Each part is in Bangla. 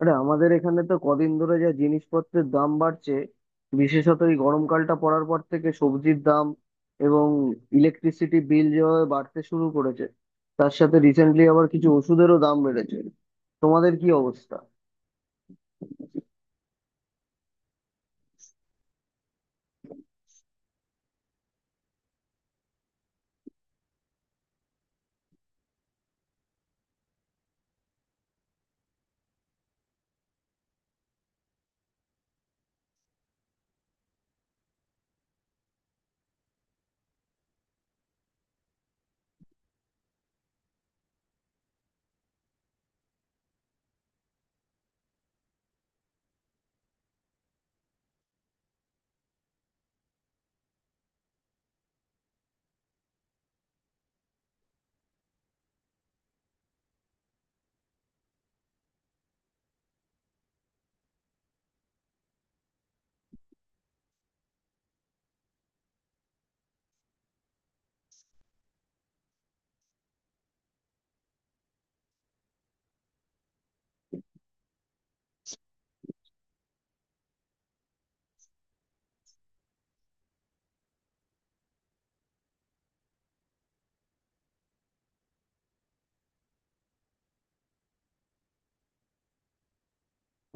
আরে আমাদের এখানে তো কদিন ধরে যা জিনিসপত্রের দাম বাড়ছে, বিশেষত এই গরমকালটা পড়ার পর থেকে সবজির দাম এবং ইলেকট্রিসিটি বিল যেভাবে বাড়তে শুরু করেছে, তার সাথে রিসেন্টলি আবার কিছু ওষুধেরও দাম বেড়েছে। তোমাদের কি অবস্থা?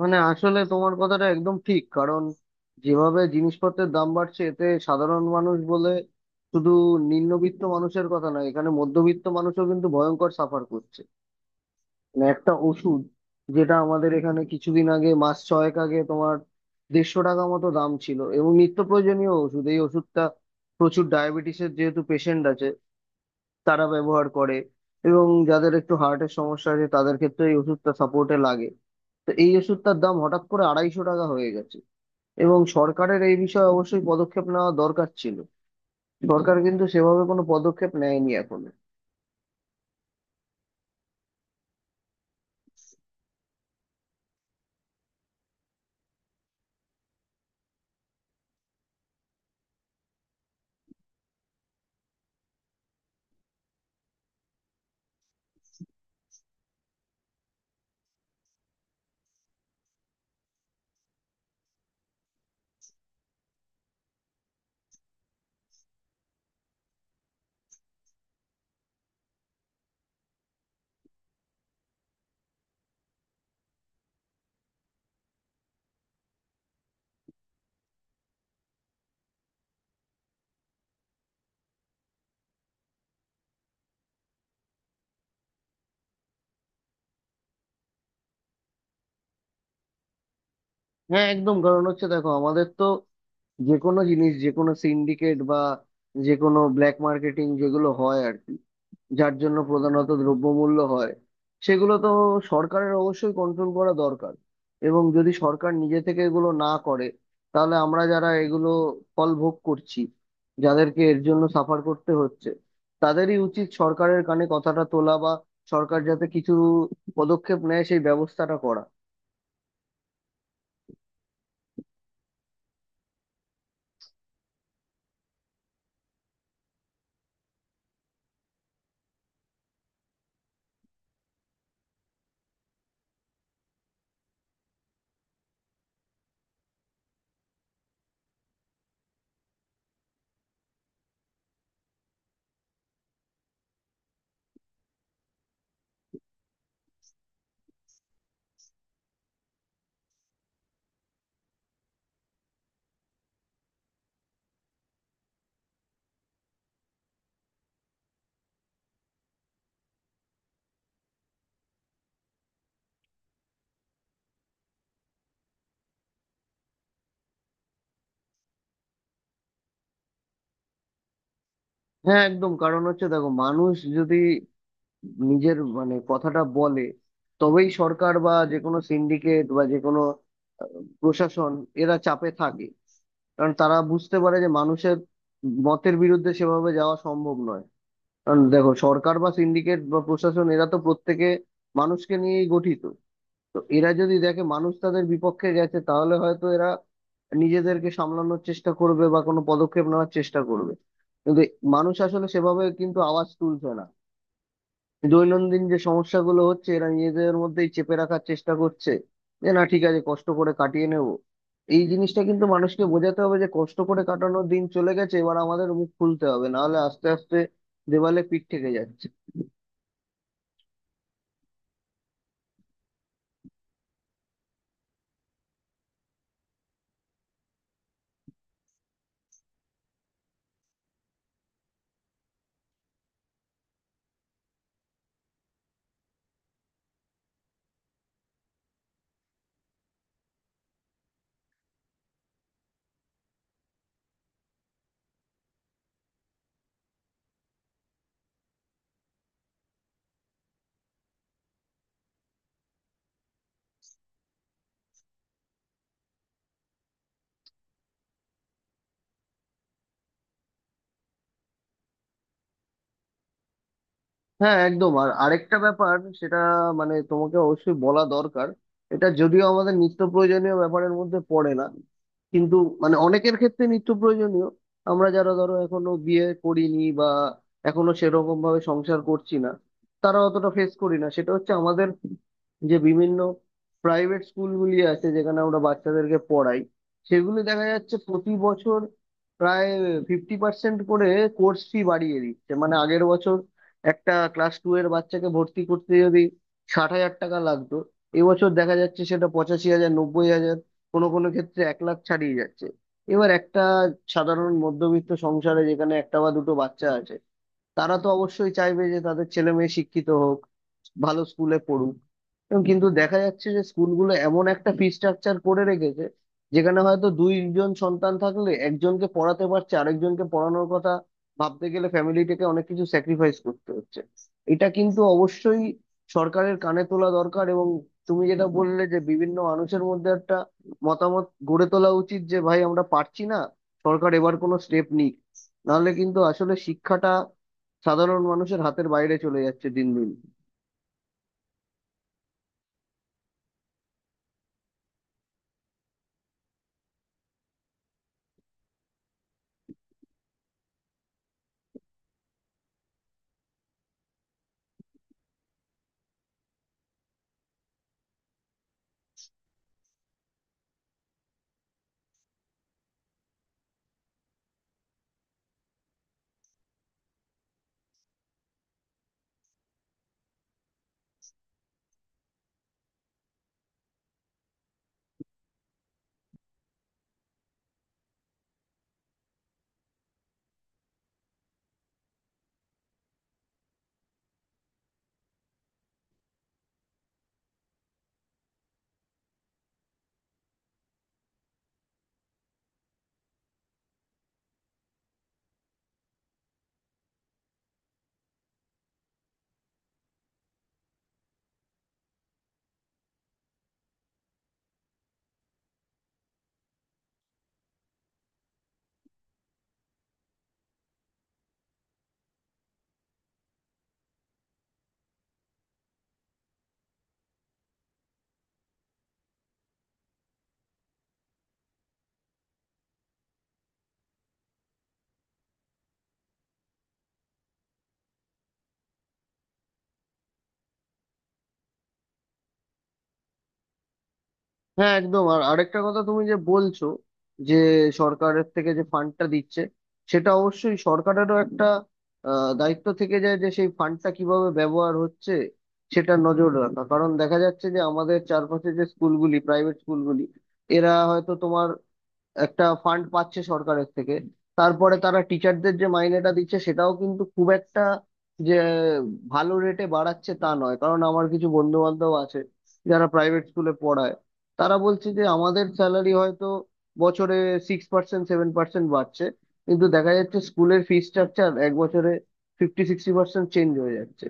মানে আসলে তোমার কথাটা একদম ঠিক, কারণ যেভাবে জিনিসপত্রের দাম বাড়ছে এতে সাধারণ মানুষ বলে শুধু নিম্নবিত্ত মানুষের কথা না, এখানে মধ্যবিত্ত মানুষও কিন্তু ভয়ঙ্কর সাফার করছে। মানে একটা ওষুধ, যেটা আমাদের এখানে কিছুদিন আগে, মাস ছয়েক আগে তোমার 150 টাকা মতো দাম ছিল এবং নিত্য প্রয়োজনীয় ওষুধ, এই ওষুধটা প্রচুর ডায়াবেটিসের যেহেতু পেশেন্ট আছে তারা ব্যবহার করে, এবং যাদের একটু হার্টের সমস্যা আছে তাদের ক্ষেত্রে এই ওষুধটা সাপোর্টে লাগে। তো এই ওষুধটার দাম হঠাৎ করে 250 টাকা হয়ে গেছে, এবং সরকারের এই বিষয়ে অবশ্যই পদক্ষেপ নেওয়া দরকার ছিল। সরকার কিন্তু সেভাবে কোনো পদক্ষেপ নেয়নি এখনো। হ্যাঁ একদম, কারণ হচ্ছে দেখো আমাদের তো যে কোনো জিনিস, যে কোনো সিন্ডিকেট বা যে কোনো ব্ল্যাক মার্কেটিং যেগুলো হয় আর কি, যার জন্য প্রধানত দ্রব্যমূল্য হয়, সেগুলো তো সরকারের অবশ্যই কন্ট্রোল করা দরকার। এবং যদি সরকার নিজে থেকে এগুলো না করে, তাহলে আমরা যারা এগুলো ফল ভোগ করছি, যাদেরকে এর জন্য সাফার করতে হচ্ছে, তাদেরই উচিত সরকারের কানে কথাটা তোলা বা সরকার যাতে কিছু পদক্ষেপ নেয় সেই ব্যবস্থাটা করা। হ্যাঁ একদম, কারণ হচ্ছে দেখো মানুষ যদি নিজের মানে কথাটা বলে, তবেই সরকার বা যে কোনো সিন্ডিকেট বা যে কোনো আহ, প্রশাসন এরা চাপে থাকে। কারণ তারা বুঝতে পারে যে মানুষের মতের বিরুদ্ধে সেভাবে যাওয়া সম্ভব নয়। কারণ দেখো সরকার বা সিন্ডিকেট বা প্রশাসন এরা তো প্রত্যেকে মানুষকে নিয়েই গঠিত। তো এরা যদি দেখে মানুষ তাদের বিপক্ষে গেছে, তাহলে হয়তো এরা নিজেদেরকে সামলানোর চেষ্টা করবে বা কোনো পদক্ষেপ নেওয়ার চেষ্টা করবে। কিন্তু মানুষ আসলে সেভাবে কিন্তু আওয়াজ তুলছে না, দৈনন্দিন যে সমস্যাগুলো হচ্ছে এরা নিজেদের মধ্যেই চেপে রাখার চেষ্টা করছে, যে না ঠিক আছে কষ্ট করে কাটিয়ে নেব। এই জিনিসটা কিন্তু মানুষকে বোঝাতে হবে যে কষ্ট করে কাটানোর দিন চলে গেছে, এবার আমাদের মুখ খুলতে হবে, নাহলে আস্তে আস্তে দেওয়ালে পিঠ থেকে যাচ্ছে। হ্যাঁ একদম, আর আরেকটা ব্যাপার, সেটা মানে তোমাকে অবশ্যই বলা দরকার। এটা যদিও আমাদের নিত্য প্রয়োজনীয় ব্যাপারের মধ্যে পড়ে না, কিন্তু মানে অনেকের ক্ষেত্রে নিত্য প্রয়োজনীয়। আমরা যারা ধরো এখনো বিয়ে করিনি বা এখনো সেরকম ভাবে সংসার করছি না, তারা অতটা ফেস করি না। সেটা হচ্ছে আমাদের যে বিভিন্ন প্রাইভেট স্কুলগুলি আছে যেখানে আমরা বাচ্চাদেরকে পড়াই, সেগুলি দেখা যাচ্ছে প্রতি বছর প্রায় 50% করে কোর্স ফি বাড়িয়ে দিচ্ছে। মানে আগের বছর একটা ক্লাস টু এর বাচ্চাকে ভর্তি করতে যদি 60,000 টাকা লাগতো, এবছর দেখা যাচ্ছে সেটা 85,000, 90,000, কোনো কোনো ক্ষেত্রে 1,00,000 ছাড়িয়ে যাচ্ছে। এবার একটা সাধারণ মধ্যবিত্ত সংসারে যেখানে একটা বা দুটো বাচ্চা আছে, তারা তো অবশ্যই চাইবে যে তাদের ছেলে মেয়ে শিক্ষিত হোক, ভালো স্কুলে পড়ুক। এবং কিন্তু দেখা যাচ্ছে যে স্কুলগুলো এমন একটা ফি স্ট্রাকচার করে রেখেছে যেখানে হয়তো দুইজন সন্তান থাকলে একজনকে পড়াতে পারছে, আরেকজনকে পড়ানোর কথা ভাবতে গেলে ফ্যামিলিটাকে অনেক কিছু স্যাক্রিফাইস করতে হচ্ছে। এটা কিন্তু অবশ্যই সরকারের কানে তোলা দরকার। এবং তুমি যেটা বললে যে বিভিন্ন মানুষের মধ্যে একটা মতামত গড়ে তোলা উচিত যে ভাই আমরা পারছি না, সরকার এবার কোনো স্টেপ নিক, নাহলে কিন্তু আসলে শিক্ষাটা সাধারণ মানুষের হাতের বাইরে চলে যাচ্ছে দিন দিন। হ্যাঁ একদম, আর আরেকটা কথা তুমি যে বলছো যে সরকারের থেকে যে ফান্ডটা দিচ্ছে, সেটা অবশ্যই সরকারেরও একটা দায়িত্ব থেকে যায় যে সেই ফান্ডটা কিভাবে ব্যবহার হচ্ছে সেটা নজর রাখা। কারণ দেখা যাচ্ছে যে আমাদের চারপাশে যে স্কুলগুলি, প্রাইভেট স্কুলগুলি, এরা হয়তো তোমার একটা ফান্ড পাচ্ছে সরকারের থেকে, তারপরে তারা টিচারদের যে মাইনেটা দিচ্ছে সেটাও কিন্তু খুব একটা যে ভালো রেটে বাড়াচ্ছে তা নয়। কারণ আমার কিছু বন্ধু বান্ধব আছে যারা প্রাইভেট স্কুলে পড়ায়, তারা বলছে যে আমাদের স্যালারি হয়তো বছরে 6%, 7% বাড়ছে, কিন্তু দেখা যাচ্ছে স্কুলের ফি স্ট্রাকচার এক বছরে ফিফটি সিক্সটি পার্সেন্ট চেঞ্জ হয়ে যাচ্ছে।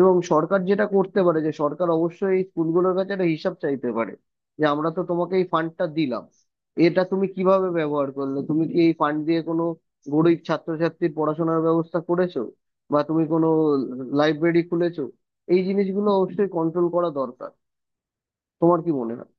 এবং সরকার যেটা করতে পারে, যে সরকার অবশ্যই এই স্কুলগুলোর কাছে একটা হিসাব চাইতে পারে, যে আমরা তো তোমাকে এই ফান্ডটা দিলাম, এটা তুমি কিভাবে ব্যবহার করলে, তুমি কি এই ফান্ড দিয়ে কোনো গরিব ছাত্রছাত্রীর পড়াশোনার ব্যবস্থা করেছো বা তুমি কোনো লাইব্রেরি খুলেছো? এই জিনিসগুলো অবশ্যই কন্ট্রোল করা দরকার। তোমার কি মনে হয়?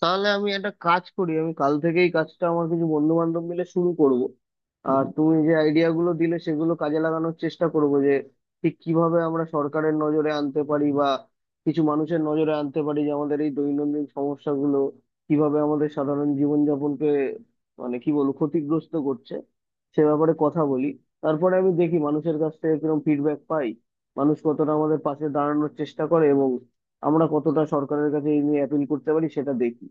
তাহলে আমি একটা কাজ করি, আমি কাল থেকেই কাজটা আমার কিছু বন্ধু বান্ধব মিলে শুরু করব। আর তুমি যে আইডিয়া গুলো দিলে সেগুলো কাজে লাগানোর চেষ্টা করব, যে ঠিক কিভাবে আমরা সরকারের নজরে আনতে পারি বা কিছু মানুষের নজরে আনতে পারি যে আমাদের এই দৈনন্দিন সমস্যাগুলো কিভাবে আমাদের সাধারণ জীবনযাপনকে মানে কি বলবো ক্ষতিগ্রস্ত করছে, সে ব্যাপারে কথা বলি। তারপরে আমি দেখি মানুষের কাছ থেকে কিরকম ফিডব্যাক পাই, মানুষ কতটা আমাদের পাশে দাঁড়ানোর চেষ্টা করে, এবং আমরা কতটা সরকারের কাছে এই নিয়ে অ্যাপিল করতে পারি সেটা দেখি।